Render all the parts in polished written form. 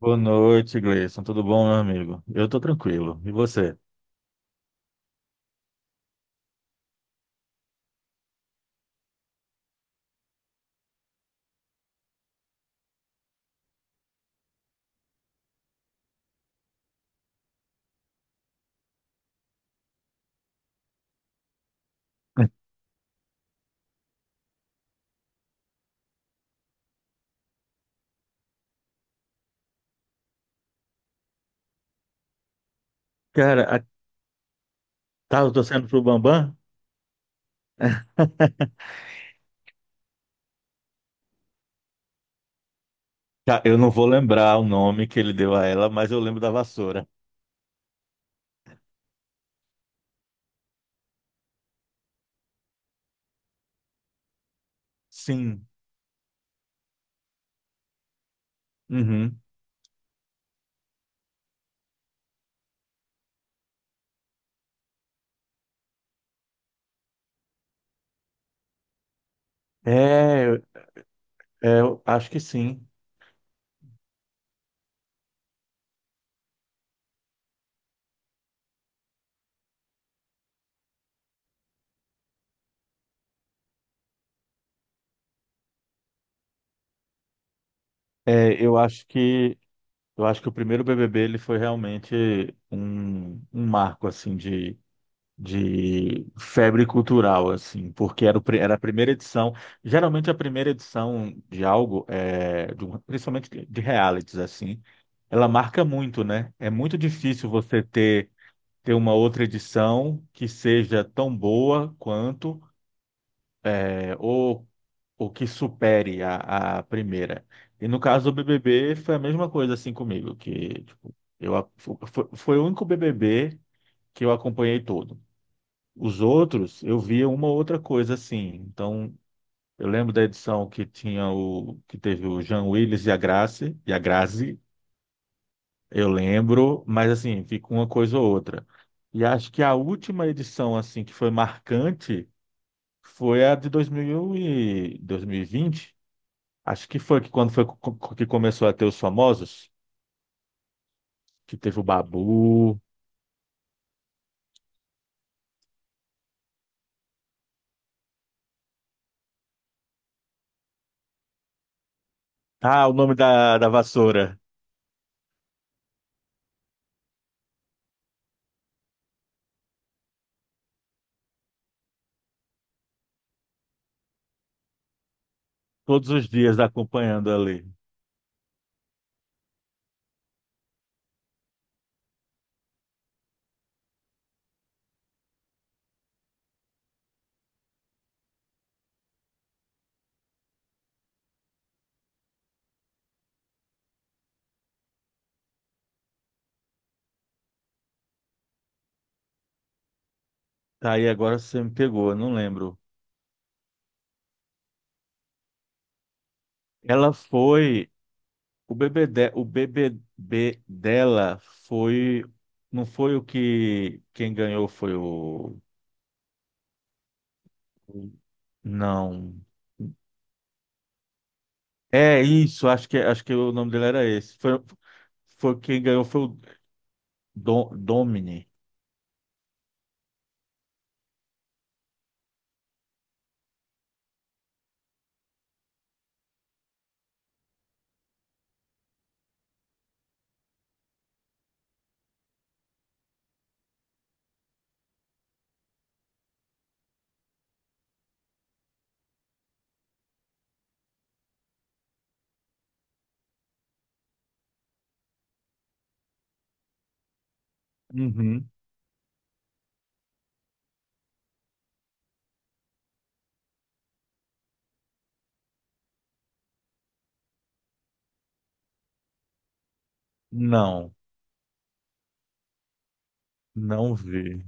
Boa noite, Gleison. Tudo bom, meu amigo? Eu tô tranquilo. E você? Cara, tava torcendo pro Bambam? Tá, eu não vou lembrar o nome que ele deu a ela, mas eu lembro da vassoura. Sim. Uhum. É, é, eu acho que sim. É, eu acho que o primeiro BBB ele foi realmente um marco assim de febre cultural, assim, porque era, era a primeira edição. Geralmente a primeira edição de algo, é, principalmente de realities, assim, ela marca muito, né? É muito difícil você ter uma outra edição que seja tão boa quanto, é, ou que supere a primeira. E no caso do BBB foi a mesma coisa, assim, comigo, que tipo, eu, a- fo- foi, foi o único BBB que eu acompanhei todo. Os outros, eu via uma outra coisa assim. Então, eu lembro da edição que teve o Jean Willis e a Grace, e a Grazi, eu lembro, mas assim, fica uma coisa ou outra. E acho que a última edição assim que foi marcante foi a de 2000 e 2020. Acho que foi que quando que começou a ter os famosos, que teve o Babu, ah, o nome da vassoura, todos os dias acompanhando ali. Tá aí agora você me pegou, eu não lembro. Ela foi. O bebê, dela foi. Não foi o que. Quem ganhou foi o. Não. É isso, acho que o nome dele era esse. Foi, foi quem ganhou foi o Domini. Uhum. Não, não vi.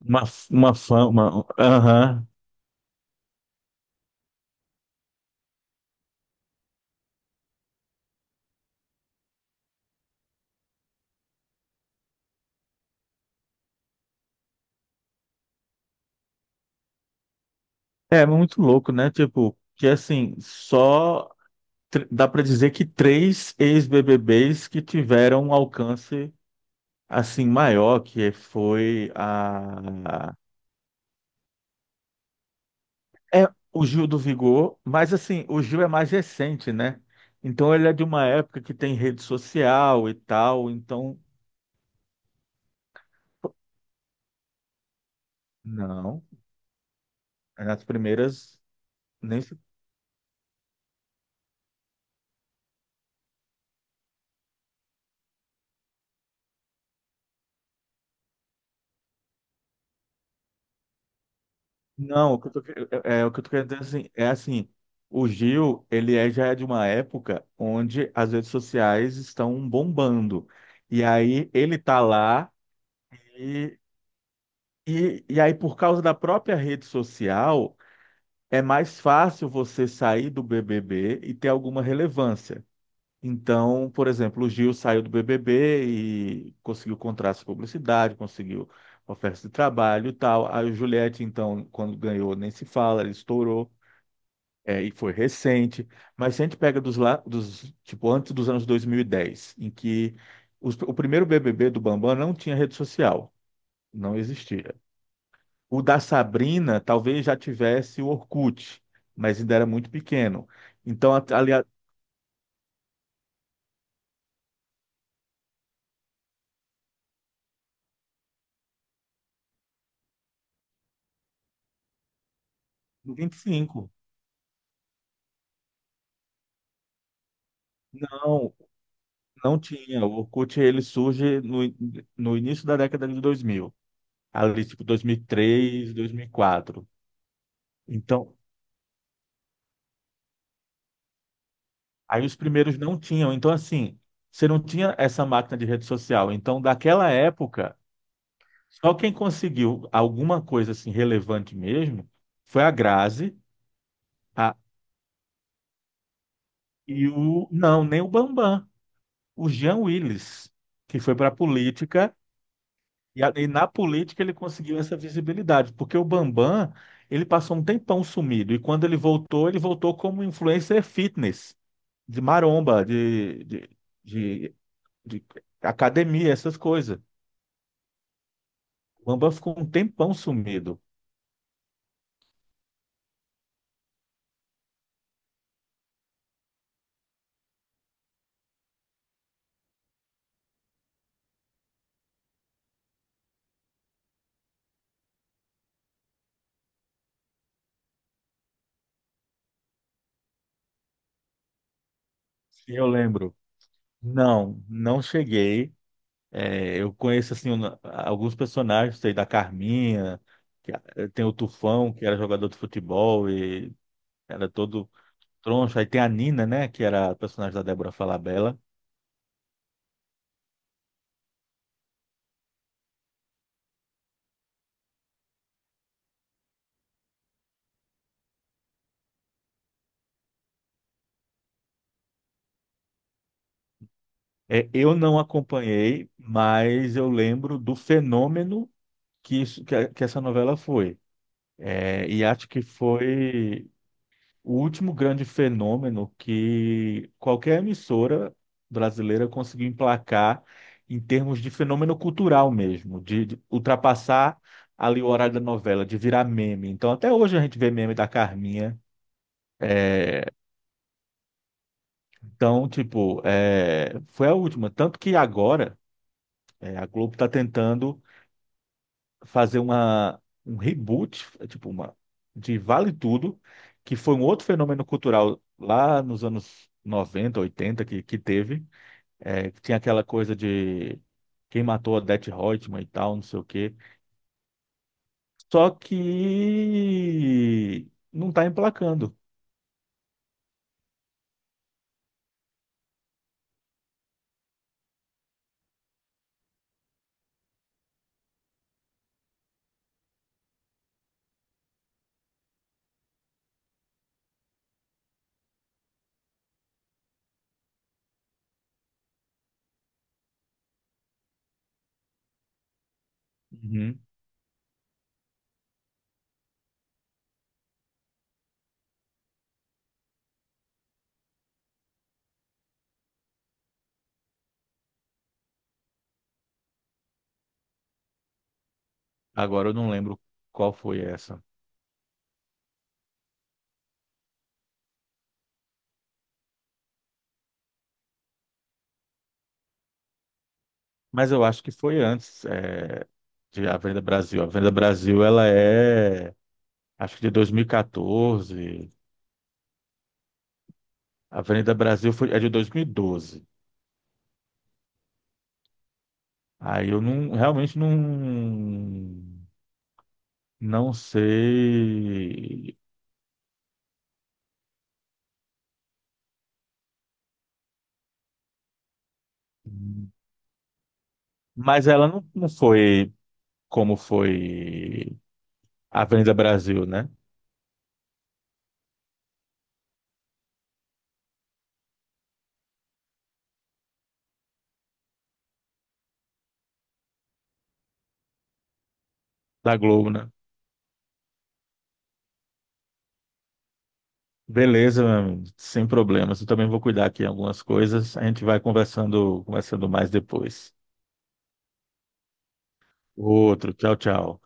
Uma, uma fama. Aham. É muito louco, né? Tipo, que assim, só dá pra dizer que três ex-BBBs que tiveram alcance assim, maior, que foi a... É o Gil do Vigor, mas assim, o Gil é mais recente, né? Então ele é de uma época que tem rede social e tal, então... Não, é nas primeiras... Nem... Não, o que eu tô, que- é o que eu tô querendo dizer assim, é assim, o Gil, já é de uma época onde as redes sociais estão bombando. E aí ele tá lá e, e aí por causa da própria rede social, é mais fácil você sair do BBB e ter alguma relevância. Então, por exemplo, o Gil saiu do BBB e conseguiu contratos de publicidade, conseguiu ofertas de trabalho e tal. A Juliette, então, quando ganhou, nem se fala, ele estourou. É, e foi recente, mas se a gente pega dos, tipo, antes dos anos 2010, em que o primeiro BBB do Bambam não tinha rede social, não existia. O da Sabrina talvez já tivesse o Orkut, mas ainda era muito pequeno. Então, aliás, 25. Não, não tinha. O Orkut ele surge no início da década de 2000, ali tipo 2003, 2004. Então, aí os primeiros não tinham. Então, assim, você não tinha essa máquina de rede social. Então, daquela época, só quem conseguiu alguma coisa assim relevante mesmo foi a Grazi, a, e o não, nem o Bambam. O Jean Willis, que foi para a política, e na política ele conseguiu essa visibilidade, porque o Bambam, ele passou um tempão sumido, e quando ele voltou como influencer fitness, de maromba, de, de academia, essas coisas. O Bambam ficou um tempão sumido, se eu lembro. Não, não cheguei. É, eu conheço assim alguns personagens, sei da Carminha, que- a- tem o Tufão, que era jogador de futebol e era todo Troncho. Aí tem a Nina, né? Que era a personagem da Débora Falabella. É, eu não acompanhei, mas eu lembro do fenômeno que, isso, que, a- que essa novela foi. É, e acho que foi o último grande fenômeno que qualquer emissora brasileira conseguiu emplacar em termos de fenômeno cultural mesmo, de ultrapassar ali o horário da novela, de virar meme. Então, até hoje a gente vê meme da Carminha. é, Então, tipo, é, foi a última. Tanto que agora é, a Globo está tentando fazer um reboot, é, tipo, de Vale Tudo, que foi um outro fenômeno cultural lá nos anos 90, 80 que teve. É, que tinha aquela coisa de quem matou a Odete Roitman e tal, não sei o quê. Só que não está emplacando. Uhum. Agora eu não lembro qual foi essa. Mas eu acho que foi antes de A Venda Brasil. A Venda Brasil, ela é, acho que de 2014. A Venda Brasil foi, é de 2012. Aí eu não, realmente não, não sei. Mas ela não, não foi como foi A Venda Brasil, né? Da Globo, né? Beleza, meu amigo, sem problemas. Eu também vou cuidar aqui em algumas coisas. A gente vai conversando, conversando mais depois. Outro, tchau, tchau.